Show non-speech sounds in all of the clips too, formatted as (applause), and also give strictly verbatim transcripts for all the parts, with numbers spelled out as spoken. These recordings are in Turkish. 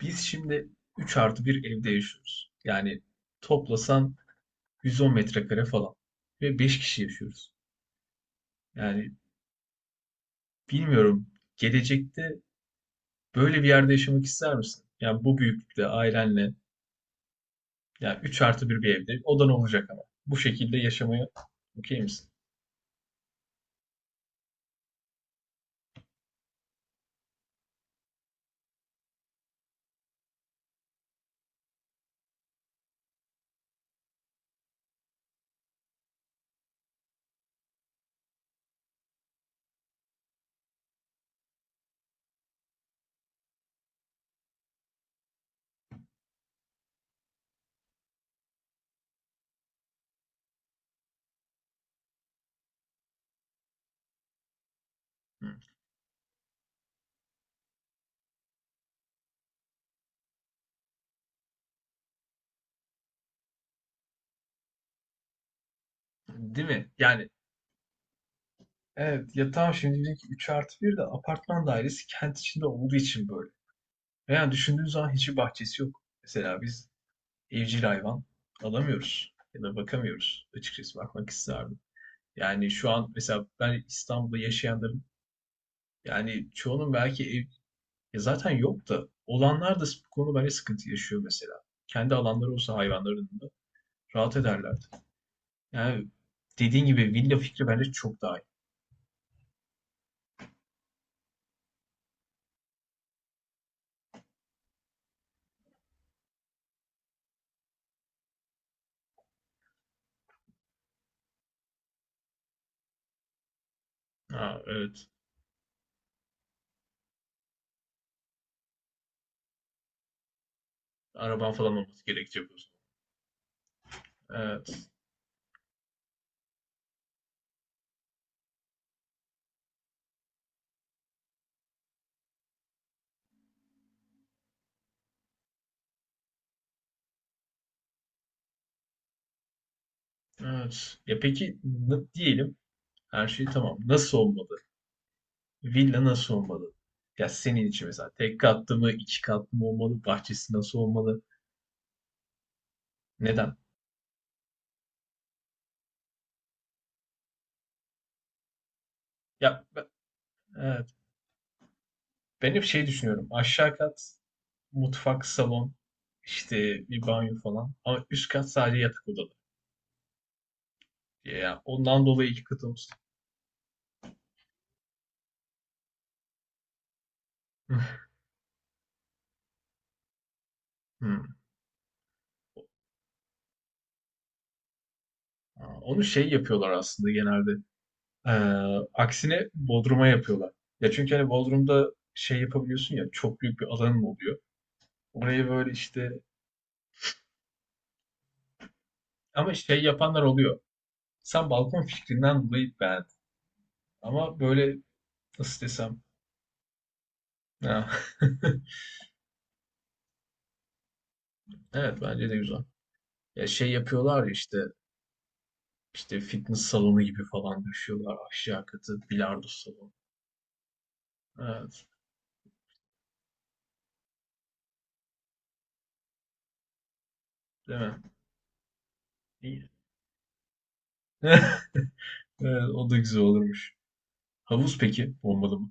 Biz şimdi üç artı bir evde yaşıyoruz. Yani toplasan yüz on metrekare falan. Ve beş kişi yaşıyoruz. Yani bilmiyorum gelecekte böyle bir yerde yaşamak ister misin? Yani bu büyüklükte ailenle yani üç artı bir bir evde odan olacak ama. Bu şekilde yaşamaya okey misin? Hı. Değil mi? Yani evet ya tamam şimdi bizimki üç artı bir de apartman dairesi kent içinde olduğu için böyle. Yani düşündüğün zaman hiçbir bahçesi yok. Mesela biz evcil hayvan alamıyoruz ya da bakamıyoruz. Açıkçası bakmak isterdim. Yani şu an mesela ben İstanbul'da yaşayanların yani çoğunun belki ev ya zaten yok da olanlar da bu konu böyle sıkıntı yaşıyor mesela. Kendi alanları olsa hayvanların da rahat ederlerdi. Yani dediğin gibi villa fikri bence çok daha iyi. Ha, evet. Araban falan olması gerekecek o zaman. Evet. Evet. Ya peki n- diyelim, her şey tamam. Nasıl olmalı? Villa nasıl olmalı? Ya senin için mesela tek katlı mı, iki katlı mı olmalı? Bahçesi nasıl olmalı? Neden? Ya ben, evet. Ben hep şey düşünüyorum. Aşağı kat mutfak, salon, işte bir banyo falan. Ama üst kat sadece yatak odaları. Ya ondan dolayı iki kat olsun. (laughs) Hmm. Aa, onu şey yapıyorlar aslında genelde. Ee, Aksine Bodrum'a yapıyorlar. Ya çünkü hani Bodrum'da şey yapabiliyorsun ya, çok büyük bir alanın oluyor. Oraya böyle işte. Ama şey yapanlar oluyor. Sen balkon fikrinden dolayı beğendin. Ama böyle nasıl desem. Ya. (laughs) Evet bence de güzel. Ya şey yapıyorlar ya işte, işte fitness salonu gibi falan düşüyorlar aşağı katı bilardo salonu. Evet. Değil mi? İyi. (laughs) Evet, o da güzel olurmuş. Havuz peki olmalı mı?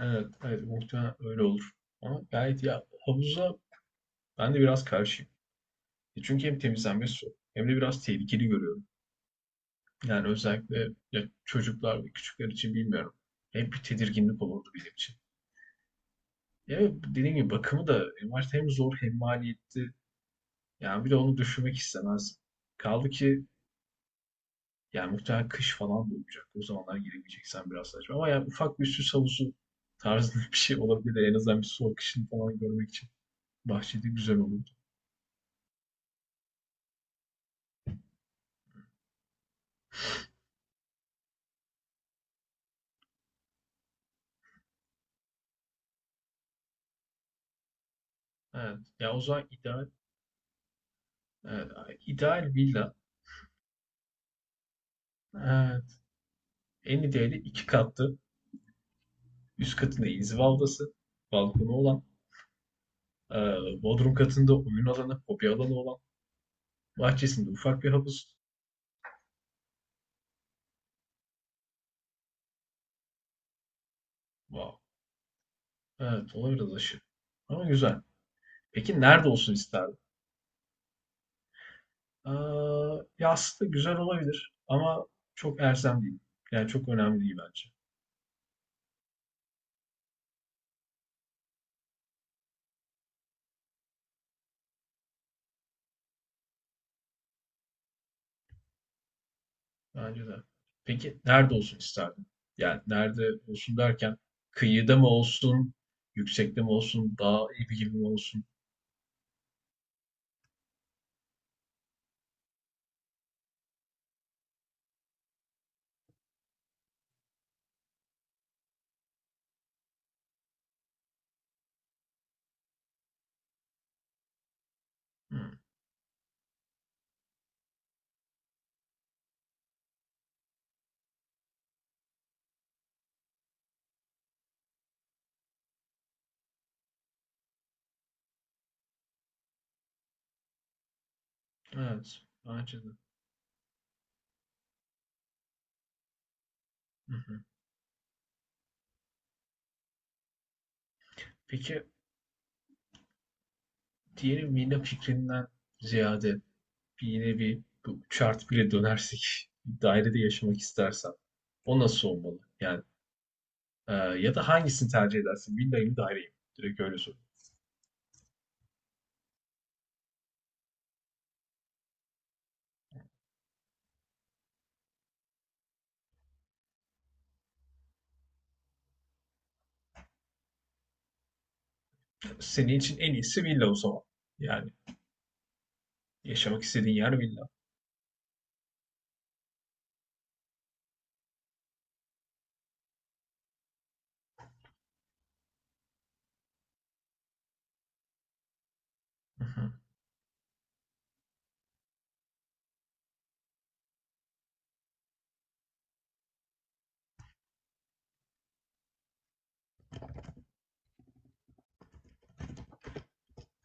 Evet, evet muhtemelen öyle olur. Ama gayet ya havuza ben de biraz karşıyım. E çünkü hem temizlenmesi su hem de biraz tehlikeli görüyorum. Yani özellikle ya çocuklar ve küçükler için bilmiyorum. Hep bir tedirginlik olurdu benim için. Ya dediğim gibi bakımı da en başta hem zor hem maliyetli. Yani bir de onu düşünmek istemez. Kaldı ki yani muhtemelen kış falan da olacak. O zamanlar giremeyeceksen biraz saçma. Ama yani ufak bir süs havuzu tarzında (laughs) bir şey olabilir. En azından bir soğuk kışını falan görmek için bahçede güzel olurdu. Evet. Ya o zaman ideal, evet, ideal villa. Evet. En ideali iki katlı. Üst katında inziva odası, balkonu olan. Ee, Bodrum katında oyun alanı, hobi alanı olan, bahçesinde ufak bir havuz. Wow. Evet, olabilir dışı. Ama güzel. Peki nerede olsun isterdin? Aa, ya aslında güzel olabilir ama çok erzem değil. Yani çok önemli değil bence. Bence de. Peki nerede olsun isterdin? Yani nerede olsun derken kıyıda mı olsun, yüksekte mi olsun, dağ evi gibi mi olsun? Hmm, evet, bence de. Hı hı. Peki diyelim villa fikrinden ziyade yine bir bu chart bile dönersek bir dairede yaşamak istersen o nasıl olmalı? Yani e, ya da hangisini tercih edersin? Villayı mı daireyi mi? Direkt öyle sor. Senin için en iyisi villa o zaman. Yani yaşamak istediğin yer villa.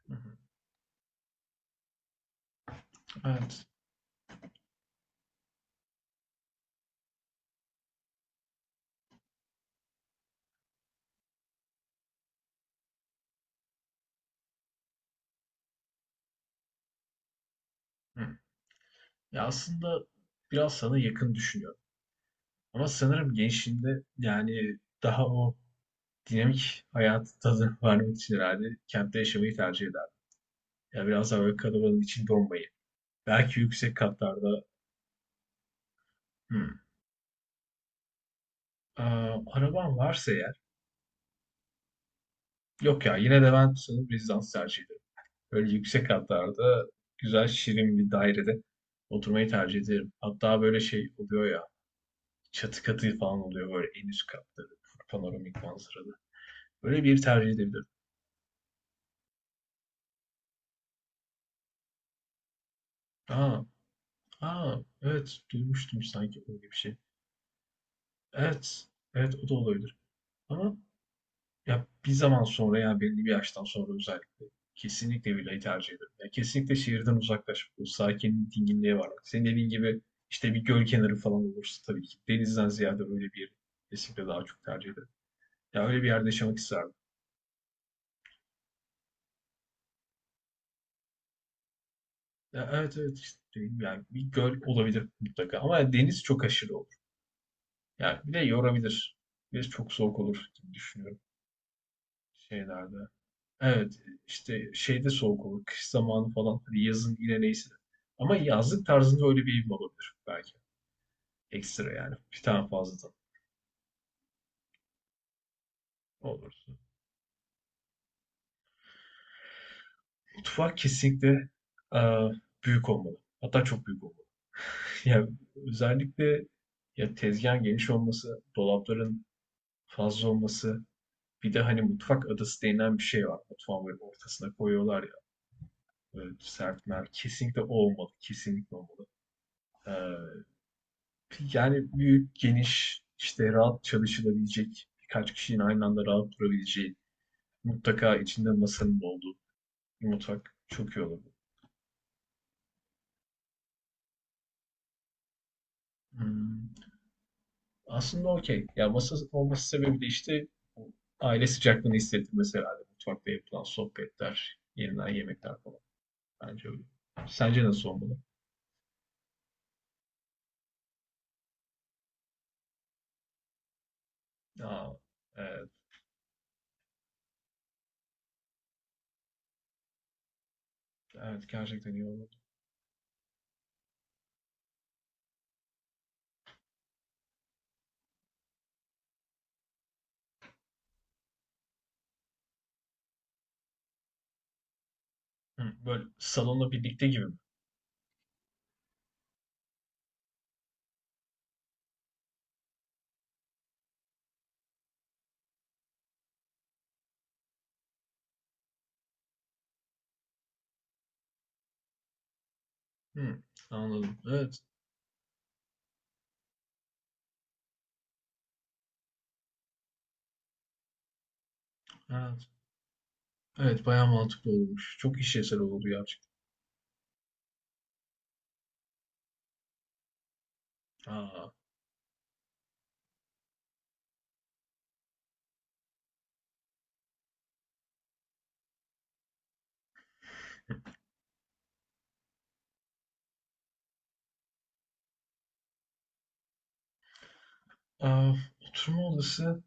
(laughs) Evet. Ya aslında biraz sana yakın düşünüyorum. Ama sanırım gençliğinde yani daha o dinamik hayatı tadını vermek (laughs) için herhalde kentte yaşamayı tercih ederdim. Ya biraz daha böyle kalabalığın içinde olmayı. Belki yüksek katlarda. Hı. Ee, Arabam varsa eğer. Yok ya, yine de ben sanırım rezidans tercih ederim. Böyle yüksek katlarda güzel şirin bir dairede oturmayı tercih ederim. Hatta böyle şey oluyor ya, çatı katı falan oluyor böyle en üst katları panoramik manzaralı. Böyle bir tercih edebilirim. Aa, aa evet duymuştum sanki öyle bir şey. Evet, evet o da olabilir. Ama ya bir zaman sonra yani belli bir yaştan sonra özellikle kesinlikle villayı tercih ederim. Ya kesinlikle şehirden uzaklaşıp bu sakinlik, dinginliğe varmak. Senin dediğin gibi işte bir göl kenarı falan olursa tabii ki denizden ziyade öyle bir yeri kesinlikle daha çok tercih ederim. Ya öyle bir yerde yaşamak isterdim. Ya evet, evet işte dediğim gibi, yani bir göl olabilir mutlaka ama deniz çok aşırı olur. Yani bir de yorabilir. Bir de çok soğuk olur gibi düşünüyorum şeylerde. Evet, işte şeyde soğuk olur, kış zamanı falan, hani yazın yine neyse. Ama yazlık tarzında öyle bir evim olabilir belki. Ekstra yani, bir tane fazladan olur. Mutfak kesinlikle eee, büyük olmalı. Hatta çok büyük olmalı. (laughs) Yani özellikle ya tezgahın geniş olması, dolapların fazla olması, bir de hani mutfak adası denilen bir şey var. Mutfağın böyle ortasına koyuyorlar ya, böyle sert mer. Kesinlikle o olmalı, kesinlikle olmalı. Eee Yani büyük, geniş, işte rahat çalışılabilecek, birkaç kişinin aynı anda rahat durabileceği, mutlaka içinde masanın da olduğu bir mutfak çok iyi olurdu. Hmm. Aslında okey. Ya masa olması sebebi de işte o aile sıcaklığını hissettirmesi herhalde. Mutfakta yapılan sohbetler, yenilen yemekler falan. Bence öyle. Sence nasıl olmalı? Aa, evet, evet gerçekten iyi olurdu. Hı, böyle salonla birlikte gibi mi? Hı, anladım. Evet, evet. Evet bayağı mantıklı olmuş. Çok işlevsel oldu gerçekten. Aa, aa, oturma odası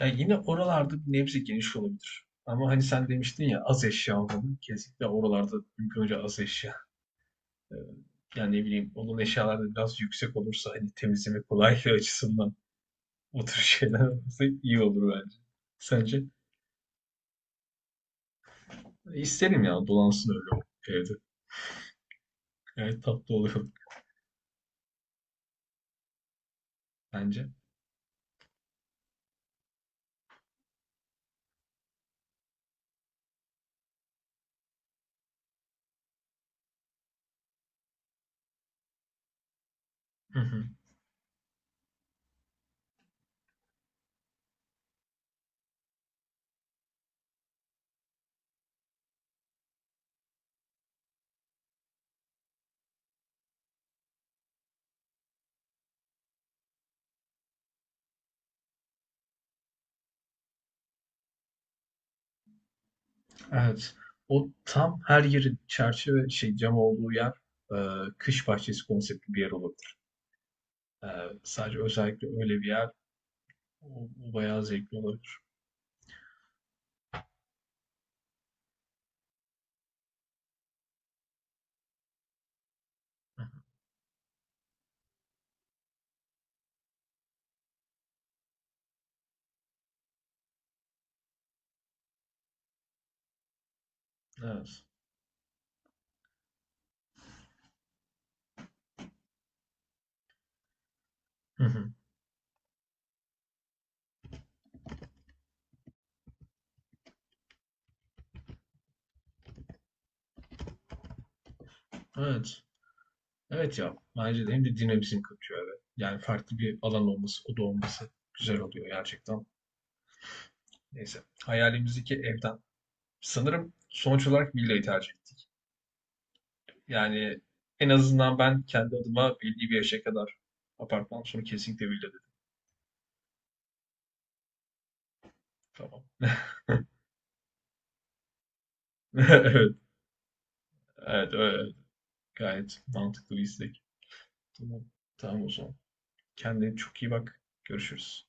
ya yine oralarda bir nebze geniş olabilir. Ama hani sen demiştin ya az eşya olmalı. Kesinlikle oralarda mümkün olunca az eşya. Ee, Yani ne bileyim onun eşyaları da biraz yüksek olursa hani temizleme kolaylığı açısından o tür (laughs) şeyler olursa iyi olur bence. Sence? İsterim ya, dolansın öyle o evde. Gayet tatlı oluyor (laughs) bence. Hı hı. Evet. O tam her yeri çerçeve şey cam olduğu yer, e, kış bahçesi konseptli bir yer olabilir. E, Sadece özellikle öyle bir yer o, o bayağı zevkli olabilir. Hı hı. Evet. Hı hı. Evet. Evet ya bence de, hem de dinamizm katıyor eve. Yani farklı bir alan olması, oda olması güzel oluyor gerçekten. Neyse. Hayalimizdeki evden. Sanırım sonuç olarak villayı tercih ettim. Yani en azından ben kendi adıma belli bir yaşa kadar apartman, sonra kesinlikle villa dedim. Tamam. (laughs) Evet. Evet. Öyle. Gayet mantıklı bir istek. Tamam. Tamam o zaman. Kendine çok iyi bak. Görüşürüz.